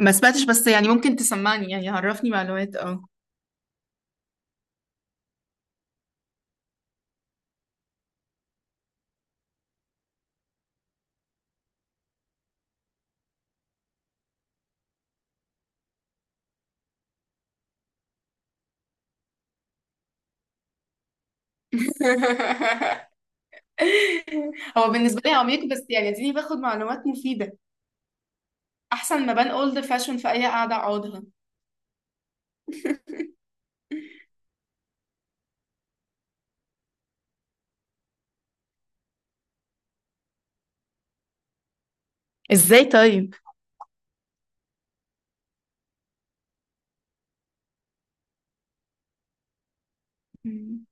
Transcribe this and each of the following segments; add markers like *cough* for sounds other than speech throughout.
ما سمعتش بس يعني ممكن تسمعني يعني عرفني معلومات اه *laughs* هو بالنسبة لي عميق، بس يعني اديني باخد معلومات مفيدة، احسن ما بان اولد فاشون في اي قعدة اقعدها. *laughs* ازاي طيب؟ مم.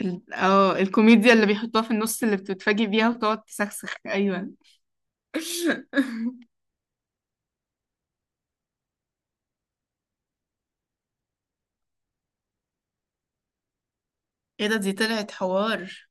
الكوميديا اللي بيحطوها في النص اللي بتتفاجئ بيها وتقعد تسخسخ، ايوه. *laughs* ايه ده؟ دي طلعت حوار.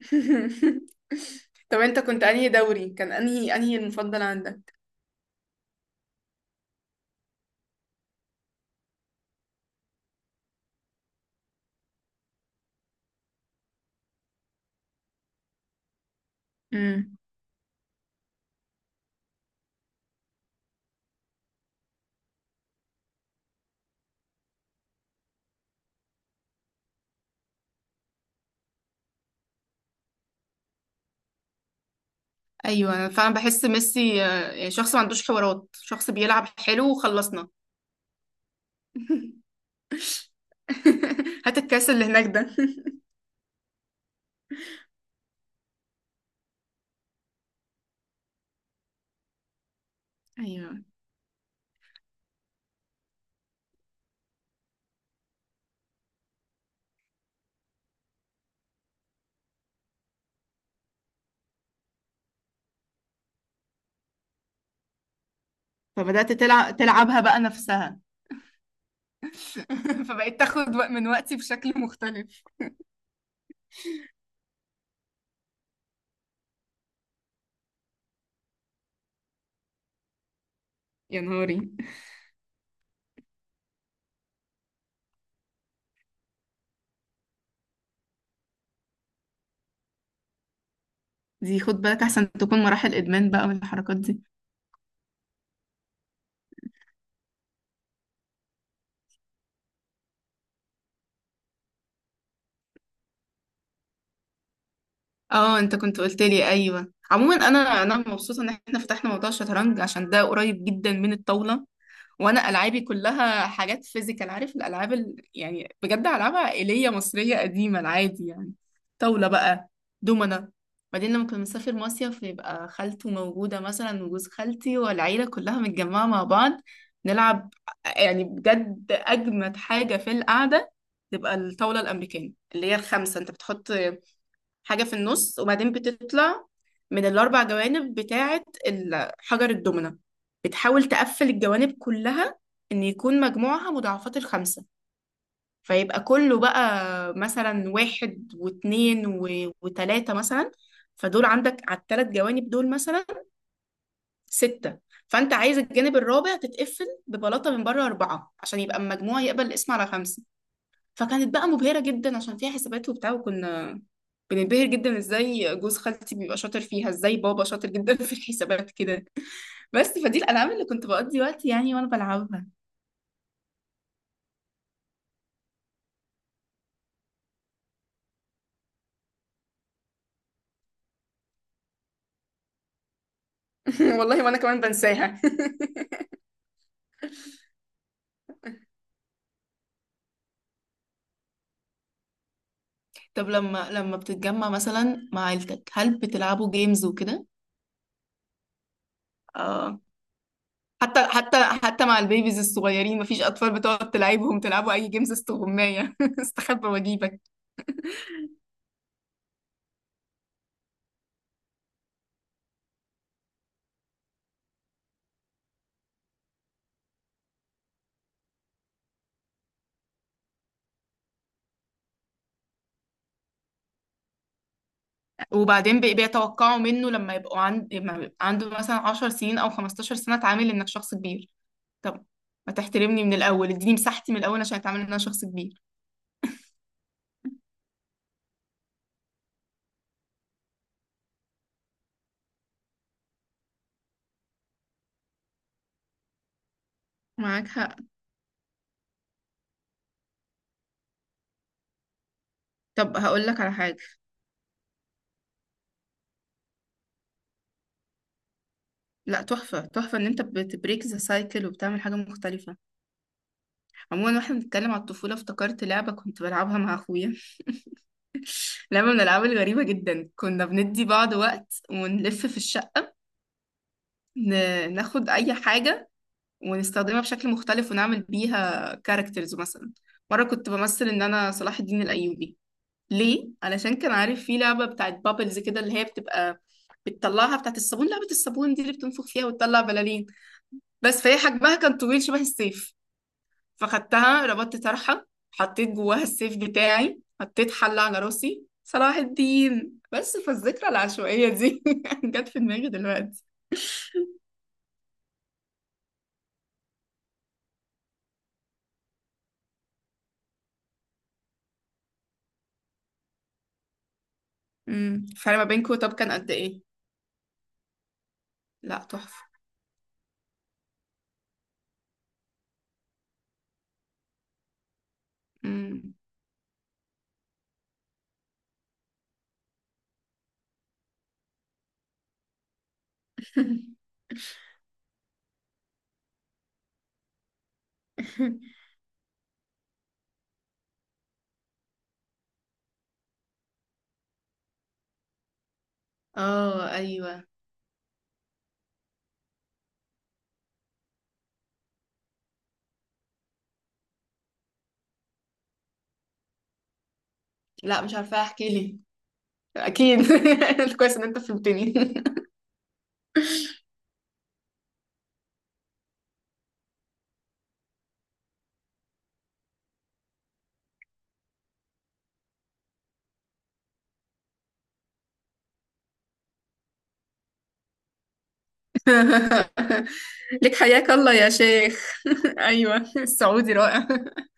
*laughs* طب انت كنت انهي دوري؟ كان انهي المفضل عندك؟ ايوه، انا فعلا بحس ميسي. يعني شخص ما عندوش حوارات، شخص بيلعب حلو وخلصنا. *laughs* هات الكاس اللي هناك ده. ايوه، فبدأت تلعبها بقى نفسها. *laughs* فبقيت تاخد من وقتي بشكل مختلف. يا نهاري، دي خد بالك احسن تكون مراحل ادمان بقى والحركات دي. اه، انت كنت قلت لي، ايوه. عموما انا مبسوطه ان احنا فتحنا موضوع الشطرنج عشان ده قريب جدا من الطاوله. وانا العابي كلها حاجات فيزيكال، عارف الالعاب يعني بجد العاب عائليه مصريه قديمه، العادي يعني. طاوله بقى، دومنه. بعدين لما كنا بنسافر مصيف يبقى خالته موجوده مثلا وجوز خالتي والعيله كلها متجمعه مع بعض، نلعب. يعني بجد اجمد حاجه في القعده تبقى الطاوله الامريكيه اللي هي الخمسه. انت بتحط حاجة في النص، وبعدين بتطلع من الأربع جوانب بتاعة حجر الدومنة، بتحاول تقفل الجوانب كلها إن يكون مجموعها مضاعفات الخمسة. فيبقى كله بقى مثلا واحد واتنين وتلاتة مثلا، فدول عندك على التلات جوانب دول مثلا ستة. فأنت عايز الجانب الرابع تتقفل ببلاطة من بره أربعة عشان يبقى المجموع يقبل القسم على خمسة. فكانت بقى مبهرة جدا عشان فيها حسابات وبتاع، وكنا بننبهر جدا ازاي جوز خالتي بيبقى شاطر فيها، ازاي بابا شاطر جدا *laughs* في الحسابات كده. بس فدي الألعاب اللي كنت بقضي وقتي يعني وانا بلعبها. *laughs* والله وانا كمان بنساها. *laughs* طب لما بتتجمع مثلا مع عيلتك، هل بتلعبوا جيمز وكده؟ آه. حتى مع البيبيز الصغيرين، مفيش أطفال بتقعد تلعبهم؟ تلعبوا أي جيمز؟ استغماية *laughs* استخبى وأجيبك. وبعدين بيتوقعوا منه لما يبقى عنده مثلا 10 سنين أو 15 سنة، اتعامل إنك شخص كبير. طب ما تحترمني من الأول، اديني مساحتي من الأول عشان اتعامل إن أنا شخص كبير. معاك حق. طب هقول لك على حاجة. لا تحفة، تحفة ان انت بتبريك ذا سايكل وبتعمل حاجة مختلفة. عموما واحنا بنتكلم على الطفولة، افتكرت لعبة كنت بلعبها مع اخويا، لعبة من الالعاب الغريبة جدا. كنا بندي بعض وقت ونلف في الشقة، ناخد اي حاجة ونستخدمها بشكل مختلف ونعمل بيها كاركترز. مثلا مرة كنت بمثل إن أنا صلاح الدين الأيوبي. ليه؟ علشان كان عارف في لعبة بتاعت بابلز كده اللي هي بتبقى بتطلعها، بتاعت الصابون، لعبة الصابون دي اللي بتنفخ فيها وتطلع بلالين. بس فهي حجمها كان طويل شبه السيف. فخدتها، ربطت طرحة، حطيت جواها السيف بتاعي، حطيت حلة على راسي، صلاح الدين. بس فالذكرى العشوائية دي *laughs* جت في دماغي دلوقتي. الفرق ما بينكوا طب كان قد ايه؟ لا تحفة. امم *laughs* *laughs* اه، ايوه. لا، مش عارفه، احكي لي. اكيد. *laughs* كويس ان انت فهمتني. *laughs* لك حياك الله يا شيخ. *laughs* ايوه، السعودي رائع. *laughs*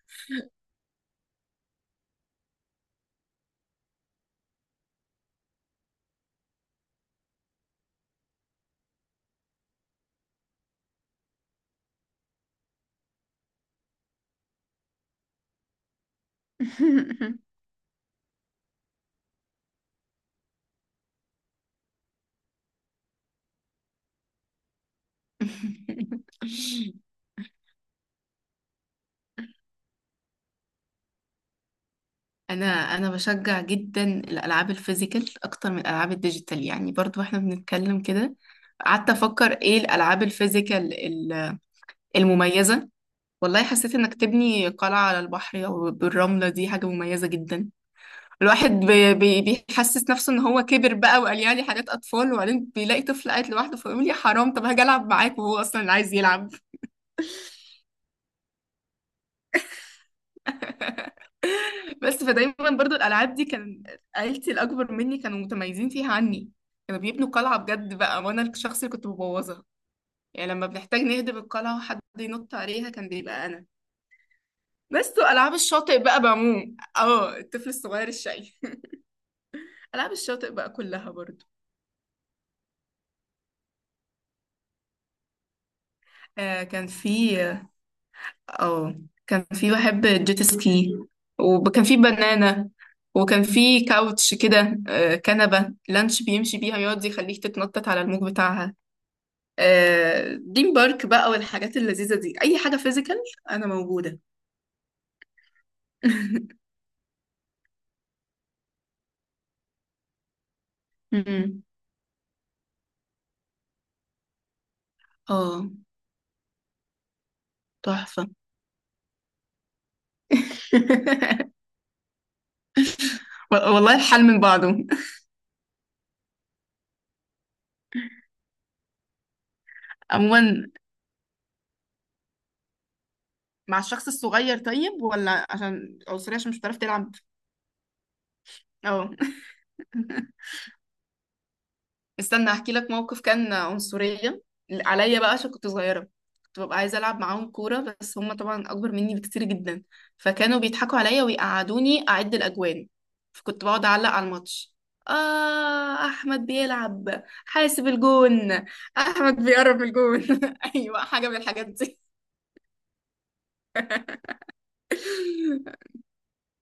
انا انا بشجع جدا الالعاب الفيزيكال اكتر من الالعاب الديجيتال، يعني برضو احنا بنتكلم كده. قعدت افكر ايه الالعاب الفيزيكال المميزه. والله حسيت انك تبني قلعه على البحر او بالرمله، دي حاجه مميزه جدا. الواحد بي بي بيحسس نفسه ان هو كبر بقى وقال يعني حاجات اطفال، وبعدين بيلاقي طفل قاعد لوحده فيقول يا حرام طب هاجي العب معاك، وهو اصلا اللي عايز يلعب. *laughs* بس فدايما برضو الالعاب دي كان عيلتي الاكبر مني كانوا متميزين فيها عني. كانوا بيبنوا قلعه بجد بقى، وانا الشخص اللي كنت ببوظها. يعني لما بنحتاج نهدم القلعه وحد ينط عليها، كان بيبقى انا. بس والعاب الشاطئ بقى بعموم، اه الطفل الصغير الشقي. *laughs* العاب الشاطئ بقى كلها برضو. آه كان في اه كان في بحب جيت سكي. وكان في بنانة، وكان في كاوتش كده، كنبة لانش بيمشي بيها يقعد يخليك تتنطط على الموج بتاعها. دريم بارك بقى والحاجات اللذيذة دي، أي حاجة فيزيكال أنا موجودة. *laughs* أمم. اه، تحفة. *laughs* والله الحال من بعضه. *laughs* عموما مع الشخص الصغير طيب، ولا عشان عنصرية، عشان مش بتعرف تلعب؟ اه. *laughs* استنى احكي لك موقف كان عنصرية عليا بقى عشان كنت صغيرة. كنت ببقى عايزة ألعب معاهم كورة، بس هم طبعا أكبر مني بكتير جدا. فكانوا بيضحكوا عليا ويقعدوني أعد الأجوان. فكنت بقعد أعلق على الماتش. آه أحمد بيلعب، حاسب الجون، أحمد بيقرب الجون. *laughs* أيوة حاجة من الحاجات دي. *laughs*